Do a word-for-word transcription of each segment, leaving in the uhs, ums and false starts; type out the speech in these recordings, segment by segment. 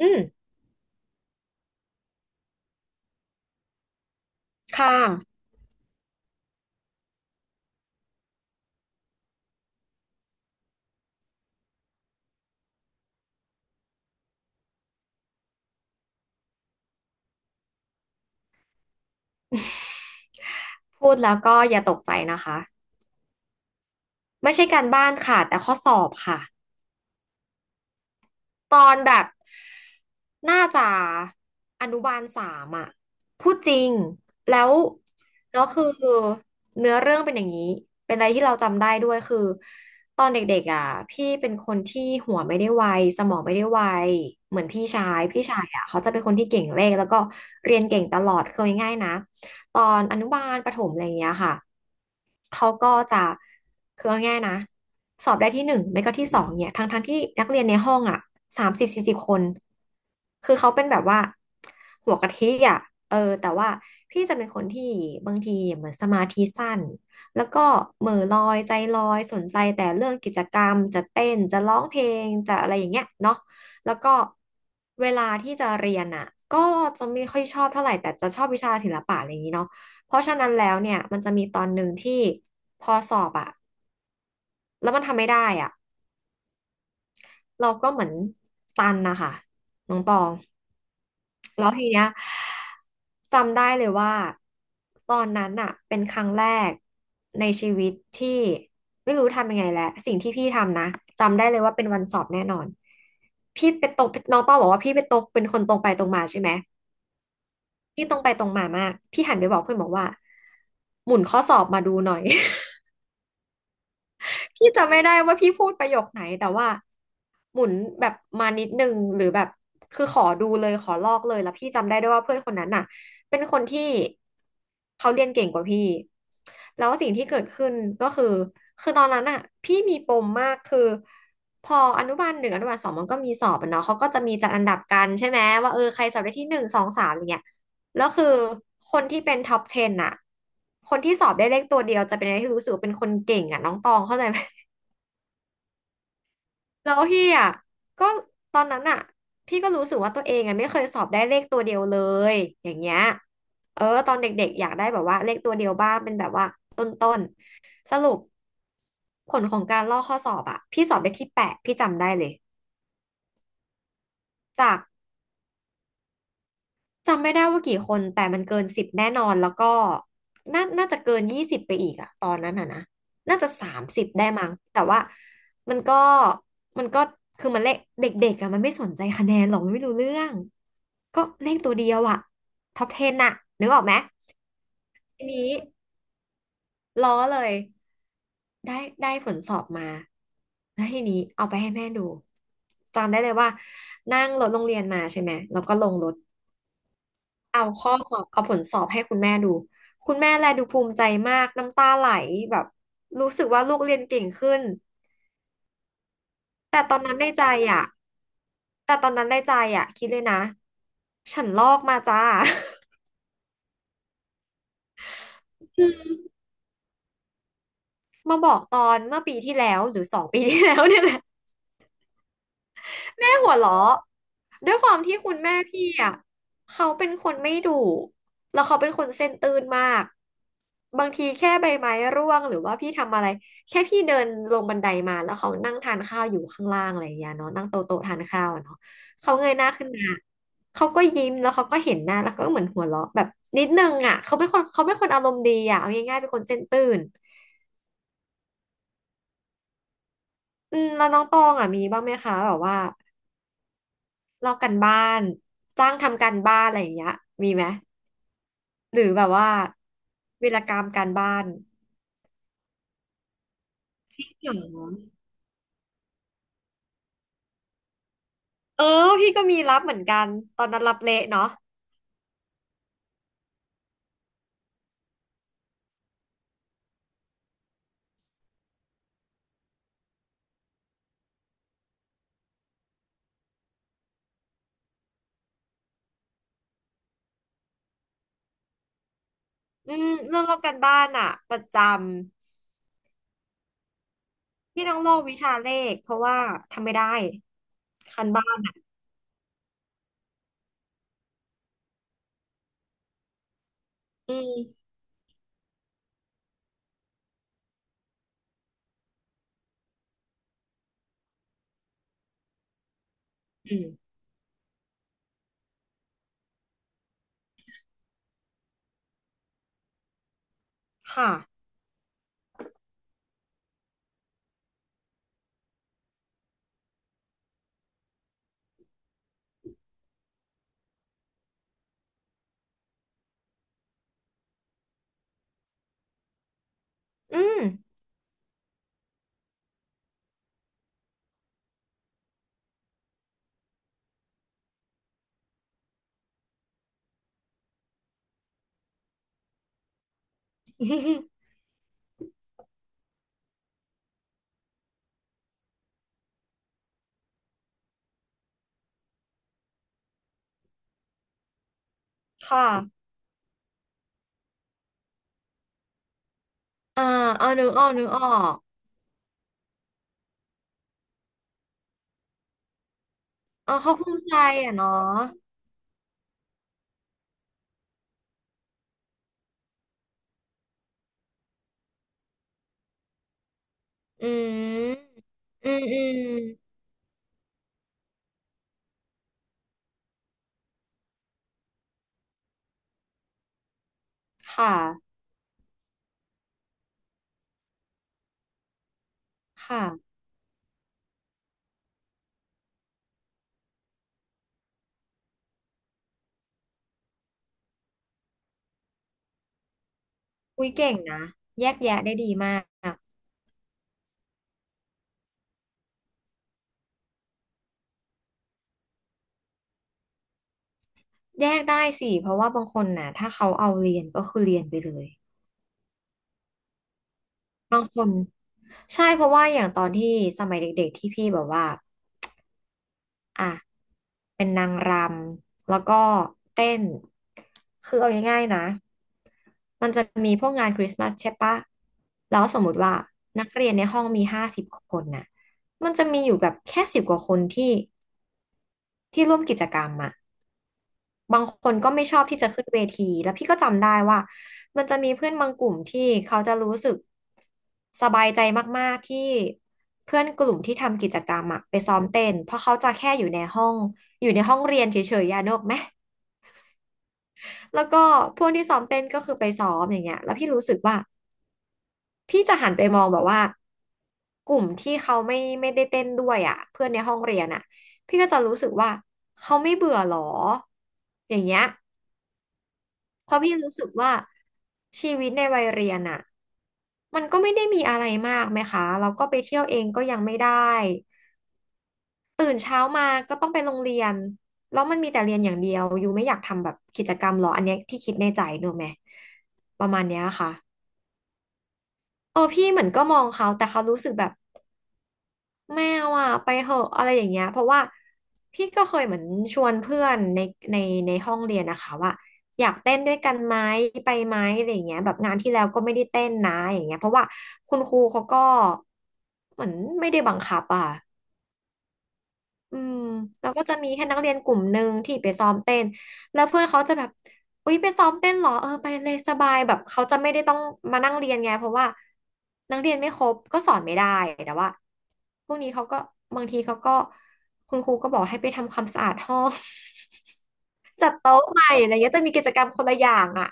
อืมค่ะพูดแล้วก็อย่าตกใจนะคะไม่ใช่การบ้านค่ะแต่ข้อสอบค่ะตอนแบบน่าจะอนุบาลสามอ่ะพูดจริงแล้วแล้วคือเนื้อเรื่องเป็นอย่างนี้เป็นอะไรที่เราจำได้ด้วยคือตอนเด็กๆอ่ะพี่เป็นคนที่หัวไม่ได้ไวสมองไม่ได้ไวเหมือนพี่ชายพี่ชายอ่ะเขาจะเป็นคนที่เก่งเลขแล้วก็เรียนเก่งตลอดเคืง่ายๆนะตอนอนุบาลประถมอะไรอย่างเงี้ยค่ะ เขาก็จะคือเอาง่ายๆนะสอบได้ที่หนึ่งไม่ก็ที่สองเนี่ยทั้งทั้งที่นักเรียนในห้องอ่ะสามสิบสี่สิบคนคือเขาเป็นแบบว่าหัวกะทิอ่ะเออแต่ว่าพี่จะเป็นคนที่บางทีเนี่ยเหมือนสมาธิสั้นแล้วก็เหม่อลอยใจลอยสนใจแต่เรื่องกิจกรรมจะเต้นจะร้องเพลงจะอะไรอย่างเงี้ยเนาะแล้วก็เวลาที่จะเรียนอ่ะก็จะไม่ค่อยชอบเท่าไหร่แต่จะชอบวิชาศิลปะอะไรอย่างนี้เนาะ เพราะฉะนั้นแล้วเนี่ยมันจะมีตอนหนึ่งที่พอสอบอะแล้วมันทำไม่ได้อะเราก็เหมือนตันนะคะน้องตองแล้วทีเนี้ยจำได้เลยว่าตอนนั้นอะเป็นครั้งแรกในชีวิตที่ไม่รู้ทำยังไงแหละสิ่งที่พี่ทำนะจำได้เลยว่าเป็นวันสอบแน่นอนพี่เป็นตรงน้องต้องบอกว่าพี่เป็นตรงเป็นคนตรงไปตรงมาใช่ไหมพี่ตรงไปตรงมามากพี่หันไปบอกเพื่อนบอกว่าหมุนข้อสอบมาดูหน่อย พี่จำไม่ได้ว่าพี่พูดประโยคไหนแต่ว่าหมุนแบบมานิดนึงหรือแบบคือขอดูเลยขอลอกเลยแล้วพี่จำได้ด้วยว่าเพื่อนคนนั้นน่ะเป็นคนที่เขาเรียนเก่งกว่าพี่แล้วสิ่งที่เกิดขึ้นก็คือคือตอนนั้นน่ะพี่มีปมมากคือพออนุบาลหนึ่งอนุบาลสองมันก็มีสอบอะเนาะเขาก็จะมีจัดอันดับกันใช่ไหมว่าเออใครสอบได้ที่หนึ่งสองสามอย่างเงี้ยแล้วคือคนที่เป็นท็อปเท็นอะคนที่สอบได้เลขตัวเดียวจะเป็นอะไรที่รู้สึกว่าเป็นคนเก่งอะน้องตองเข้าใจไหม แล้วพี่อ่ะก็ตอนนั้นอ่ะพี่ก็รู้สึกว่าตัวเองอ่ะไม่เคยสอบได้เลขตัวเดียวเลยอย่างเงี้ยเออตอนเด็กๆอยากได้แบบว่าเลขตัวเดียวบ้างเป็นแบบว่าต้นๆสรุปผลของการลอกข้อสอบอ่ะพี่สอบได้ที่แปดพี่จำได้เลยจาก จำไม่ได้ว่ากี่คนแต่มันเกินสิบแน่นอนแล้วก็น่าน่าจะเกินยี่สิบไปอีกอะตอนนั้นอะนะน่าจะสามสิบได้มั้งแต่ว่ามันก็มันก็คือมันเลขเด็กๆอะมันไม่สนใจคะแนนหรอกมันไม่รู้เรื่องก็เลขตัวเดียวอะท็อปเท็นอะนึกออกไหมทีนี้ล้อเลยได้ได้ผลสอบมาแล้วทีนี้เอาไปให้แม่ดูจำได้เลยว่านั่งรถโรงเรียนมาใช่ไหมแล้วก็ลงรถ เอาข้อสอบเอาผลสอบให้คุณแม่ดูคุณแม่แลดูภูมิใจมากน้ำตาไหลแบบรู้สึกว่าลูกเรียนเก่งขึ้นแต่ตอนนั้นในใจอ่ะแต่ตอนนั้นในใจอ่ะคิดเลยนะฉันลอกมาจ้า มาบอกตอนเมื่อปีที่แล้วหรือสองปีที่แล้วเนี่ยแหละ แม่หัวเราะด้วยความที่คุณแม่พี่อ่ะเขาเป็นคนไม่ดุแล้วเขาเป็นคนเส้นตื่นมากบางทีแค่ใบไม้ร่วงหรือว่าพี่ทำอะไรแค่พี่เดินลงบันไดมาแล้วเขานั่งทานข้าวอยู่ข้างล่างอะไรอย่างเงี้ยเนาะนั่งโต๊ะโต๊ะทานข้าวอะเนาะเขาเงยหน้าขึ้นมาเขาก็ยิ้มแล้วเขาก็เห็นหน้าแล้วก็เหมือนหัวเราะแบบนิดนึงอ่ะเขาเป็นคนเขาเป็นคนอารมณ์ดีอ่ะเอาง่ายๆเป็นคนเส้นตื่นอืมแล้วน้องตองอ่ะมีบ้างไหมคะแบบว่า ลอกกันบ้านจ้างทำการบ้านอะไรอย่างเงี้ยมีไหมหรือแบบว่าวีรกรรมการบ้านเออพี่ก็มีรับเหมือนกันตอนนั้นรับเละเนาะอืมเรื่องลอกการบ้านอะประจำพี่ต้องลอกวิชาเลขเพราะว่าทำไม่ได้การบ้านอืมอืมค่ะอืม ค่ะอ่าเอานึกออกนึกออกเออเขาภูมิใจอ่ะเนาะอืมอืมอืมค่ะค่ะ อุ้ยเก่งนะแยกแยะได้ดีมากแยกได้สิเพราะว่าบางคนน่ะถ้าเขาเอาเรียนก็คือเรียนไปเลยบางคนใช่เพราะว่าอย่างตอนที่สมัยเด็กๆที่พี่แบบว่าอ่ะเป็นนางรำแล้วก็เต้นคือเอาง่ายๆนะมันจะมีพวกงานคริสต์มาสใช่ปะแล้วสมมติว่านักเรียนในห้องมีห้าสิบคนน่ะมันจะมีอยู่แบบแค่สิบกว่าคนที่ที่ร่วมกิจกรรมอะ บางคนก็ไม่ชอบที่จะขึ้นเวทีแล้วพี่ก็จำได้ว่ามันจะมีเพื่อนบางกลุ่มที่เขาจะรู้สึกสบายใจมากๆที่เพื่อนกลุ่มที่ทำกิจกรรมอะไปซ้อมเต้นเพราะเขาจะแค่อยู่ในห้องอยู่ในห้องเรียนเฉยๆยานกออกไหมแล้วก็พวกที่ซ้อมเต้นก็คือไปซ้อมอย่างเงี้ยแล้วพี่รู้สึกว่าพี่จะหันไปมองแบบว่ากลุ่มที่เขาไม่ไม่ได้เต้นด้วยอ่ะเพื่อนในห้องเรียนอ่ะพี่ก็จะรู้สึกว่าเขาไม่เบื่อหรออย่างเงี้ย เพราะพี่รู้สึกว่าชีวิตในวัยเรียนอะมันก็ไม่ได้มีอะไรมากไหมคะเราก็ไปเที่ยวเองก็ยังไม่ได้ตื่นเช้ามาก็ต้องไปโรงเรียนแล้วมันมีแต่เรียนอย่างเดียวอยู่ไม่อยากทำแบบกิจกรรมหรออันเนี้ยที่คิดในใจหนูไหมประมาณเนี้ยค่ะเออพี่เหมือนก็มองเขาแต่เขารู้สึกแบบ แมวอ่ะไปเหอะอะไรอย่างเงี้ยเพราะว่าพี่ก็เคยเหมือนชวนเพื่อนในในในห้องเรียนนะคะว่าอยากเต้นด้วยกันไหมไปไหมอะไรอย่างเงี้ยแบบงานที่แล้วก็ไม่ได้เต้นนะอย่างเงี้ยเพราะว่าคุณครูเขาก็เหมือนไม่ได้บังคับอ่ะ อืมแล้วก็จะมีแค่นักเรียนกลุ่มหนึ่งที่ไปซ้อมเต้นแล้วเพื่อนเขาจะแบบอุ๊ยไปซ้อมเต้นเหรอเออไปเลยสบายแบบเขาจะไม่ได้ต้องมานั่งเรียนไงเพราะว่านักเรียนไม่ครบก็สอนไม่ได้แต่ว่าพวกนี้เขาก็บางทีเขาก็คุณครูก็บอกให้ไปทำความสะอาดห้อง จัดโต๊ะใหม่อะไรเงี้ยจะมีกิจกรรมคนละอย่างอะ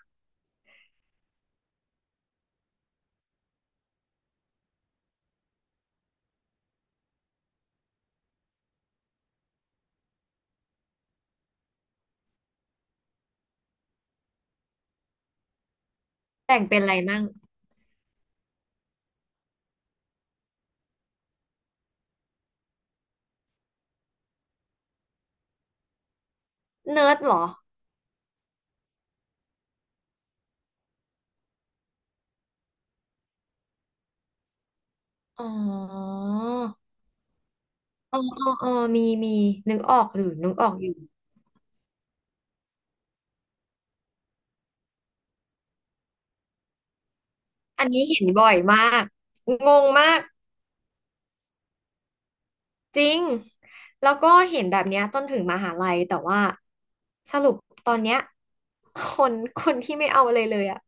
แบ่งเป็นอะไรมั่งเนิร์ดเหรออ๋อเออเออเออมีมีนึกออกหรือนึกออกอยู่ อันนี้เห็นบ่อยมากงงมากจริงแล้วก็เห็นแบบเนี้ยจนถึงมหาลัยแต่ว่าสรุปตอนเนี้ยคนคนที่ไม่เอาเลยเลยอะ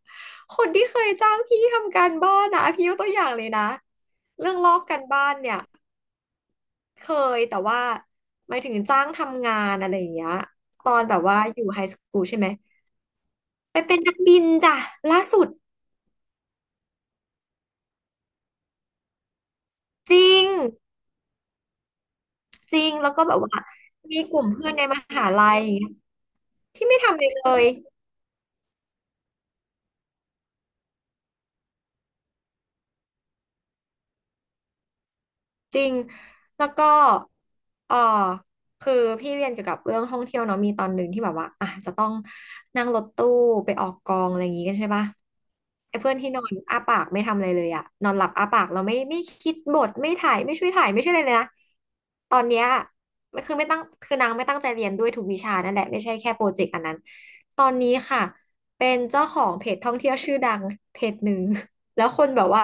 คนที่เคยจ้างพี่ทำการบ้านนะพี่ยกตัวอย่างเลยนะเรื่องลอกการบ้านเนี่ยเคยแต่ว่าหมายถึงจ้างทำงานอะไรอย่างเงี้ยตอนแบบว่าอยู่ไฮสคูลใช่ไหมไปเป็นนักบินจ้ะล่าสุดจริงจริงแล้วก็แบบว่ามีกลุ่มเพื่อนในมหาลัย พี่ไม่ทำอะไรเลยเลย จริงแล้วก็เออคือพี่เรียนเกี่ยวกับเรื่องท่องเที่ยวเนาะมีตอนหนึ่งที่แบบว่าอ่ะจะต้องนั่งรถตู้ไปออกกองอะไรอย่างงี้กันใช่ปะไอ้เพื่อนที่นอนอ้าปากไม่ทำอะไรเลยอะนอนหลับอ้าปากเราไม่ไม่คิดบทไม่ถ่ายไม่ช่วยถ่ายไม่ช่วยอะไรเลยนะตอนเนี้ยมันคือไม่ตั้งคือนางไม่ตั้งใจเรียนด้วยทุกวิชานั่นแหละไม่ใช่แค่โปรเจกต์อันนั้นตอนนี้ค่ะเป็นเจ้าของเพจท่องเที่ยวชื่อดังเพจหนึ่งแล้วคนแบบว่า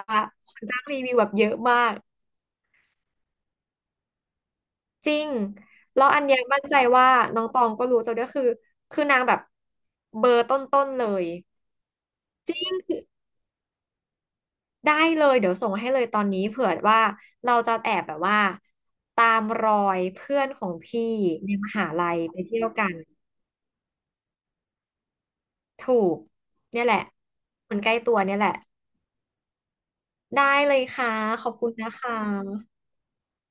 คนจ้างรีวิวแบบเยอะมาก จริง แล้วอันเนี้ยมั่นใจว่าน้องตองก็รู้จะด้วยคือคือนางแบบเบอร์ต้นๆเลย ได้เลยเดี๋ยวส่งให้เลยตอนนี้เผื่อว่าเราจะแอบแบบว่าตามรอยเพื่อนของพี่ในมหาลัยไปเที่ยวกันถูกเนี่ยแหละคนใกล้ตัวเนี่ยแหละได้เลยค่ะขอบคุณนะคะ